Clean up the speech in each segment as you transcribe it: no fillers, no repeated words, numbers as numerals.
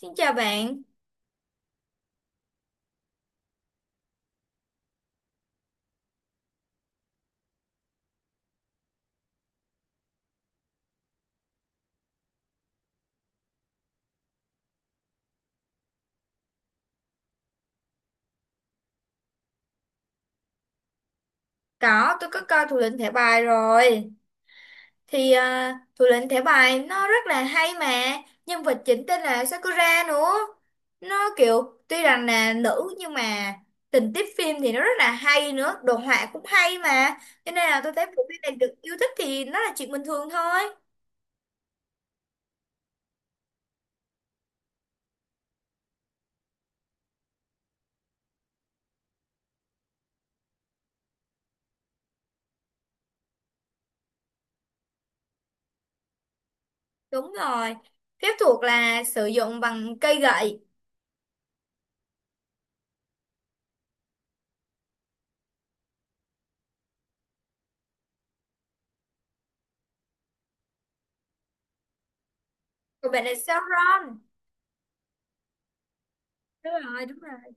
Xin chào bạn. Có, tôi có coi Thủ lĩnh thẻ bài rồi. Thủ lĩnh thẻ bài nó rất là hay mà. Nhân vật chính tên là Sakura nữa. Nó kiểu tuy rằng là nữ nhưng mà tình tiết phim thì nó rất là hay nữa. Đồ họa cũng hay mà. Cho nên là tôi thấy bộ phim này được yêu thích thì nó là chuyện bình thường thôi. Đúng rồi. Phép thuật là sử dụng bằng cây gậy. Còn bạn là Sauron. Đúng rồi, đúng rồi.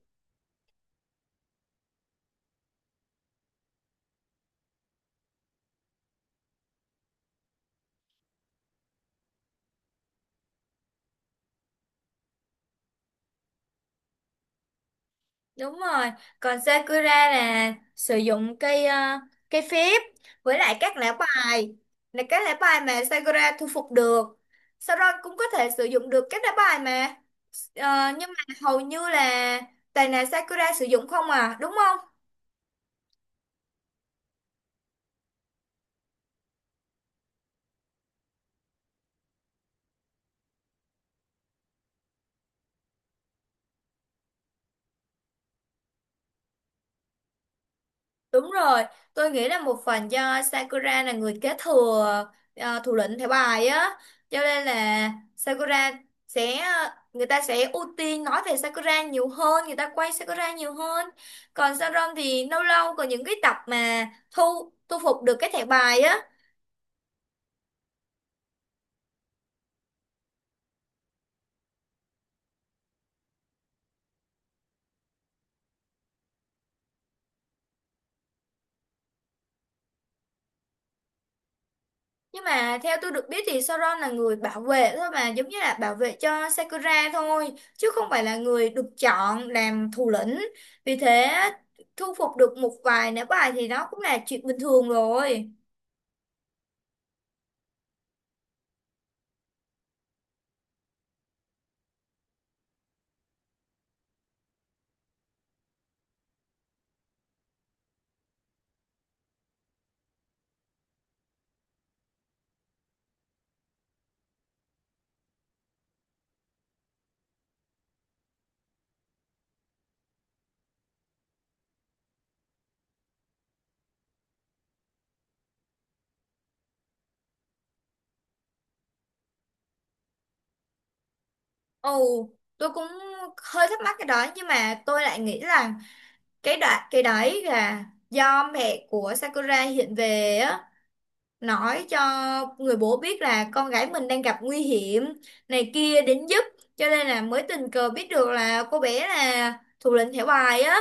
Đúng rồi, còn Sakura là sử dụng cây phép với lại các lá bài, là các lá bài mà Sakura thu phục được. Sau đó cũng có thể sử dụng được các lá bài mà. Nhưng mà hầu như là toàn là Sakura sử dụng không à, đúng không? Đúng rồi, tôi nghĩ là một phần do Sakura là người kế thừa thủ lĩnh thẻ bài á, cho nên là Sakura sẽ, người ta sẽ ưu tiên nói về Sakura nhiều hơn, người ta quay Sakura nhiều hơn. Còn Sharon thì lâu lâu có những cái tập mà thu thu phục được cái thẻ bài á. Nhưng mà theo tôi được biết thì Sauron là người bảo vệ thôi, mà giống như là bảo vệ cho Sakura thôi chứ không phải là người được chọn làm thủ lĩnh. Vì thế thu phục được một vài nữ bài thì nó cũng là chuyện bình thường rồi. Ồ, tôi cũng hơi thắc mắc cái đó nhưng mà tôi lại nghĩ là cái đấy là do mẹ của Sakura hiện về á, nói cho người bố biết là con gái mình đang gặp nguy hiểm này kia đến giúp, cho nên là mới tình cờ biết được là cô bé là thủ lĩnh thẻ bài á,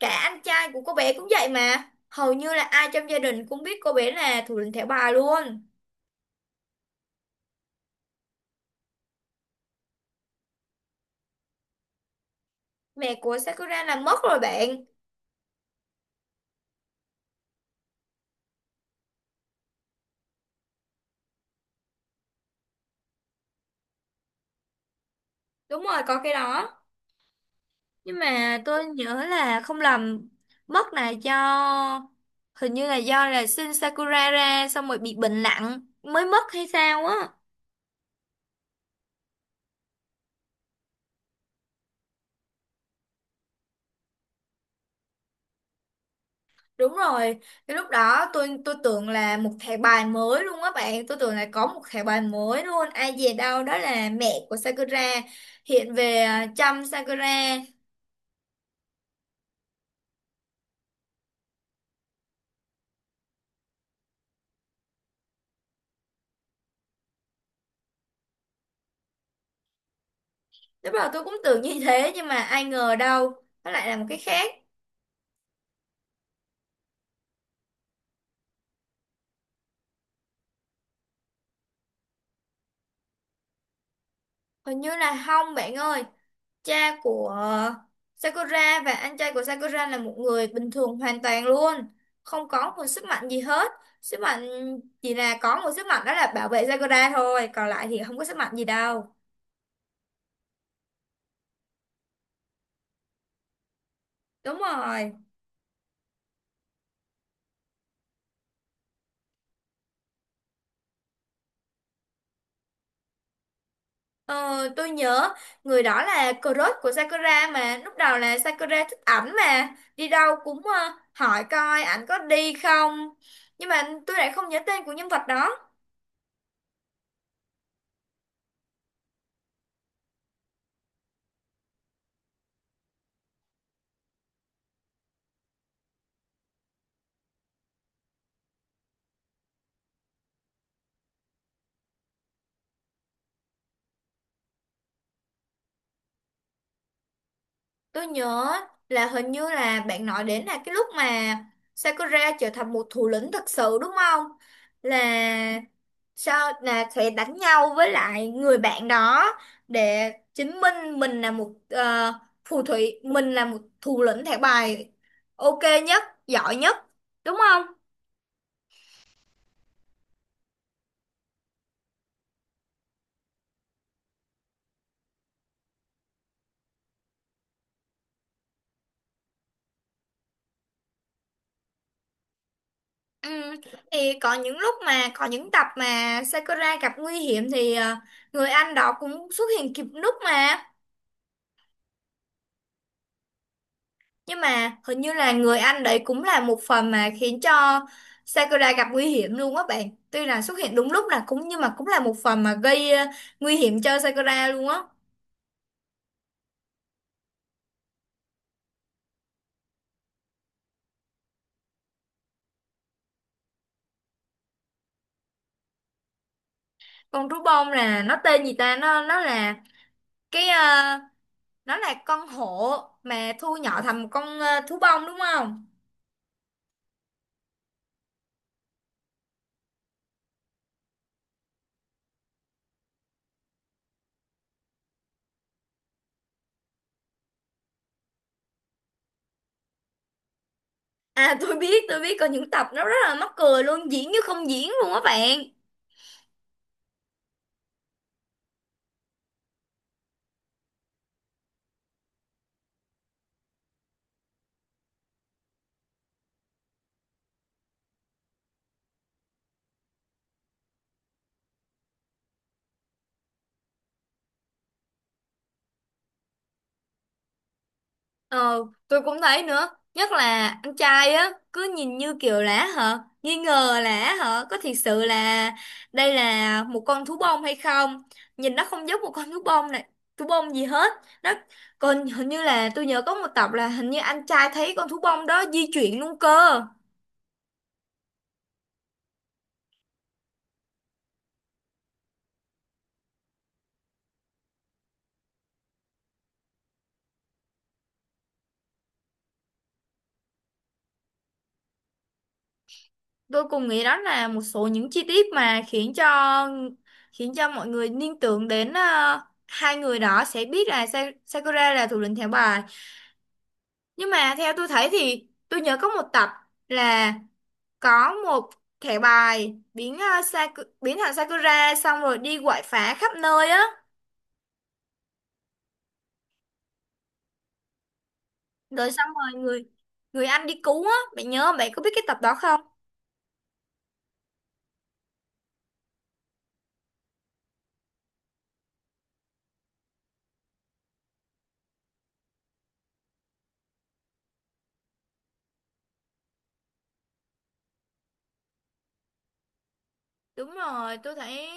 cả anh trai của cô bé cũng vậy mà hầu như là ai trong gia đình cũng biết cô bé là thủ lĩnh thẻ bài luôn. Mẹ của Sakura là mất rồi bạn. Đúng rồi có cái đó. Nhưng mà tôi nhớ là không lầm, mất là do hình như là do là Shin Sakura ra xong rồi bị bệnh nặng mới mất hay sao á. Đúng rồi, cái lúc đó tôi tưởng là một thẻ bài mới luôn á bạn, tôi tưởng là có một thẻ bài mới luôn, ai dè đâu đó là mẹ của Sakura hiện về à, chăm Sakura. Lúc đầu tôi cũng tưởng như thế nhưng mà ai ngờ đâu, nó lại là một cái khác. Hình như là không bạn ơi, cha của à, Sakura và anh trai của Sakura là một người bình thường hoàn toàn luôn, không có một sức mạnh gì hết. Sức mạnh chỉ là có một sức mạnh, đó là bảo vệ Sakura thôi, còn lại thì không có sức mạnh gì đâu. Đúng rồi. Ờ, tôi nhớ người đó là crush của Sakura mà. Lúc đầu là Sakura thích ảnh mà. Đi đâu cũng hỏi coi ảnh có đi không. Nhưng mà tôi lại không nhớ tên của nhân vật đó. Tôi nhớ là hình như là bạn nói đến là cái lúc mà Sakura trở thành một thủ lĩnh thật sự đúng không? Là sao là sẽ đánh nhau với lại người bạn đó để chứng minh mình là một phù thủy, mình là một thủ lĩnh thẻ bài ok nhất, giỏi nhất, đúng không? Ừ. Thì có những lúc mà có những tập mà Sakura gặp nguy hiểm thì người anh đó cũng xuất hiện kịp lúc mà. Nhưng mà hình như là người anh đấy cũng là một phần mà khiến cho Sakura gặp nguy hiểm luôn á bạn. Tuy là xuất hiện đúng lúc là cũng nhưng mà cũng là một phần mà gây nguy hiểm cho Sakura luôn á. Con thú bông là nó tên gì ta? Nó là cái ờ, nó là con hổ mà thu nhỏ thành một con thú bông đúng không? À tôi biết có những tập nó rất là mắc cười luôn, diễn như không diễn luôn á bạn. Ờ, tôi cũng thấy nữa. Nhất là anh trai á, cứ nhìn như kiểu là hả, nghi ngờ là hả, có thiệt sự là đây là một con thú bông hay không? Nhìn nó không giống một con thú bông này, thú bông gì hết. Nó còn hình như là tôi nhớ có một tập là hình như anh trai thấy con thú bông đó di chuyển luôn cơ. Tôi cùng nghĩ đó là một số những chi tiết mà khiến cho mọi người liên tưởng đến hai người đó sẽ biết là Sakura là thủ lĩnh thẻ bài. Nhưng mà theo tôi thấy thì tôi nhớ có một tập là có một thẻ bài biến thành Sakura xong rồi đi quậy phá khắp nơi á, rồi xong rồi người người anh đi cứu á, bạn nhớ không? Bạn có biết cái tập đó không? Đúng rồi, tôi thấy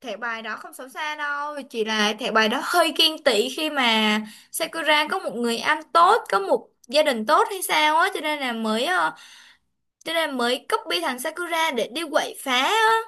thẻ bài đó không xấu xa đâu, chỉ là thẻ bài đó hơi ghen tị khi mà Sakura có một người anh tốt, có một gia đình tốt hay sao á, cho nên là cho nên là mới copy thằng Sakura để đi quậy phá ờ,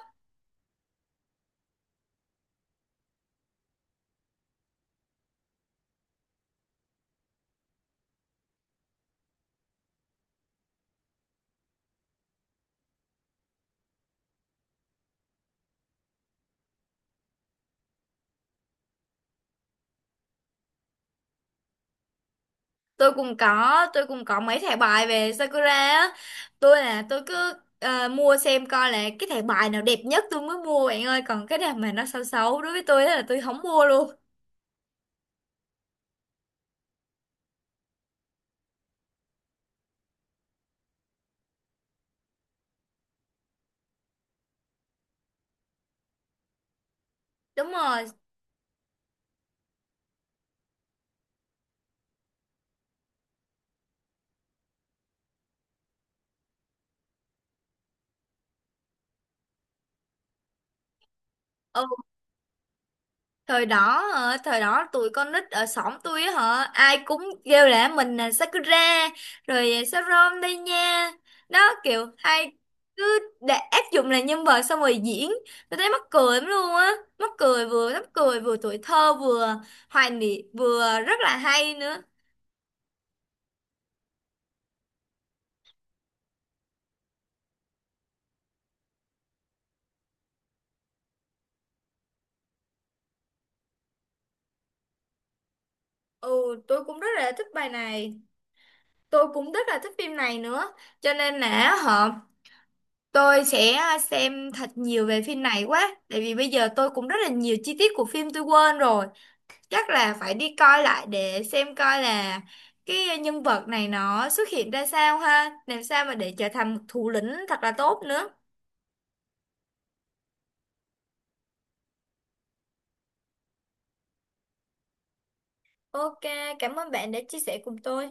tôi cũng có mấy thẻ bài về Sakura á. Tôi là tôi cứ mua xem coi là cái thẻ bài nào đẹp nhất tôi mới mua bạn ơi, còn cái nào mà nó xấu xấu đối với tôi á là tôi không mua luôn. Đúng rồi, thời đó hả, thời đó tụi con nít ở xóm tôi á hả ai cũng kêu là mình là Sakura, rồi Sarom đây nha. Đó kiểu ai cứ để áp dụng là nhân vật xong rồi diễn, tôi thấy mắc cười lắm luôn á. Mắc cười vừa tuổi thơ vừa hoài niệm vừa rất là hay nữa. Ừ, tôi cũng rất là thích bài này, tôi cũng rất là thích phim này nữa, cho nên là họ. Tôi sẽ xem thật nhiều về phim này quá, tại vì bây giờ tôi cũng rất là nhiều chi tiết của phim tôi quên rồi. Chắc là phải đi coi lại để xem coi là cái nhân vật này nó xuất hiện ra sao ha, làm sao mà để trở thành một thủ lĩnh thật là tốt nữa. Ok, cảm ơn bạn đã chia sẻ cùng tôi.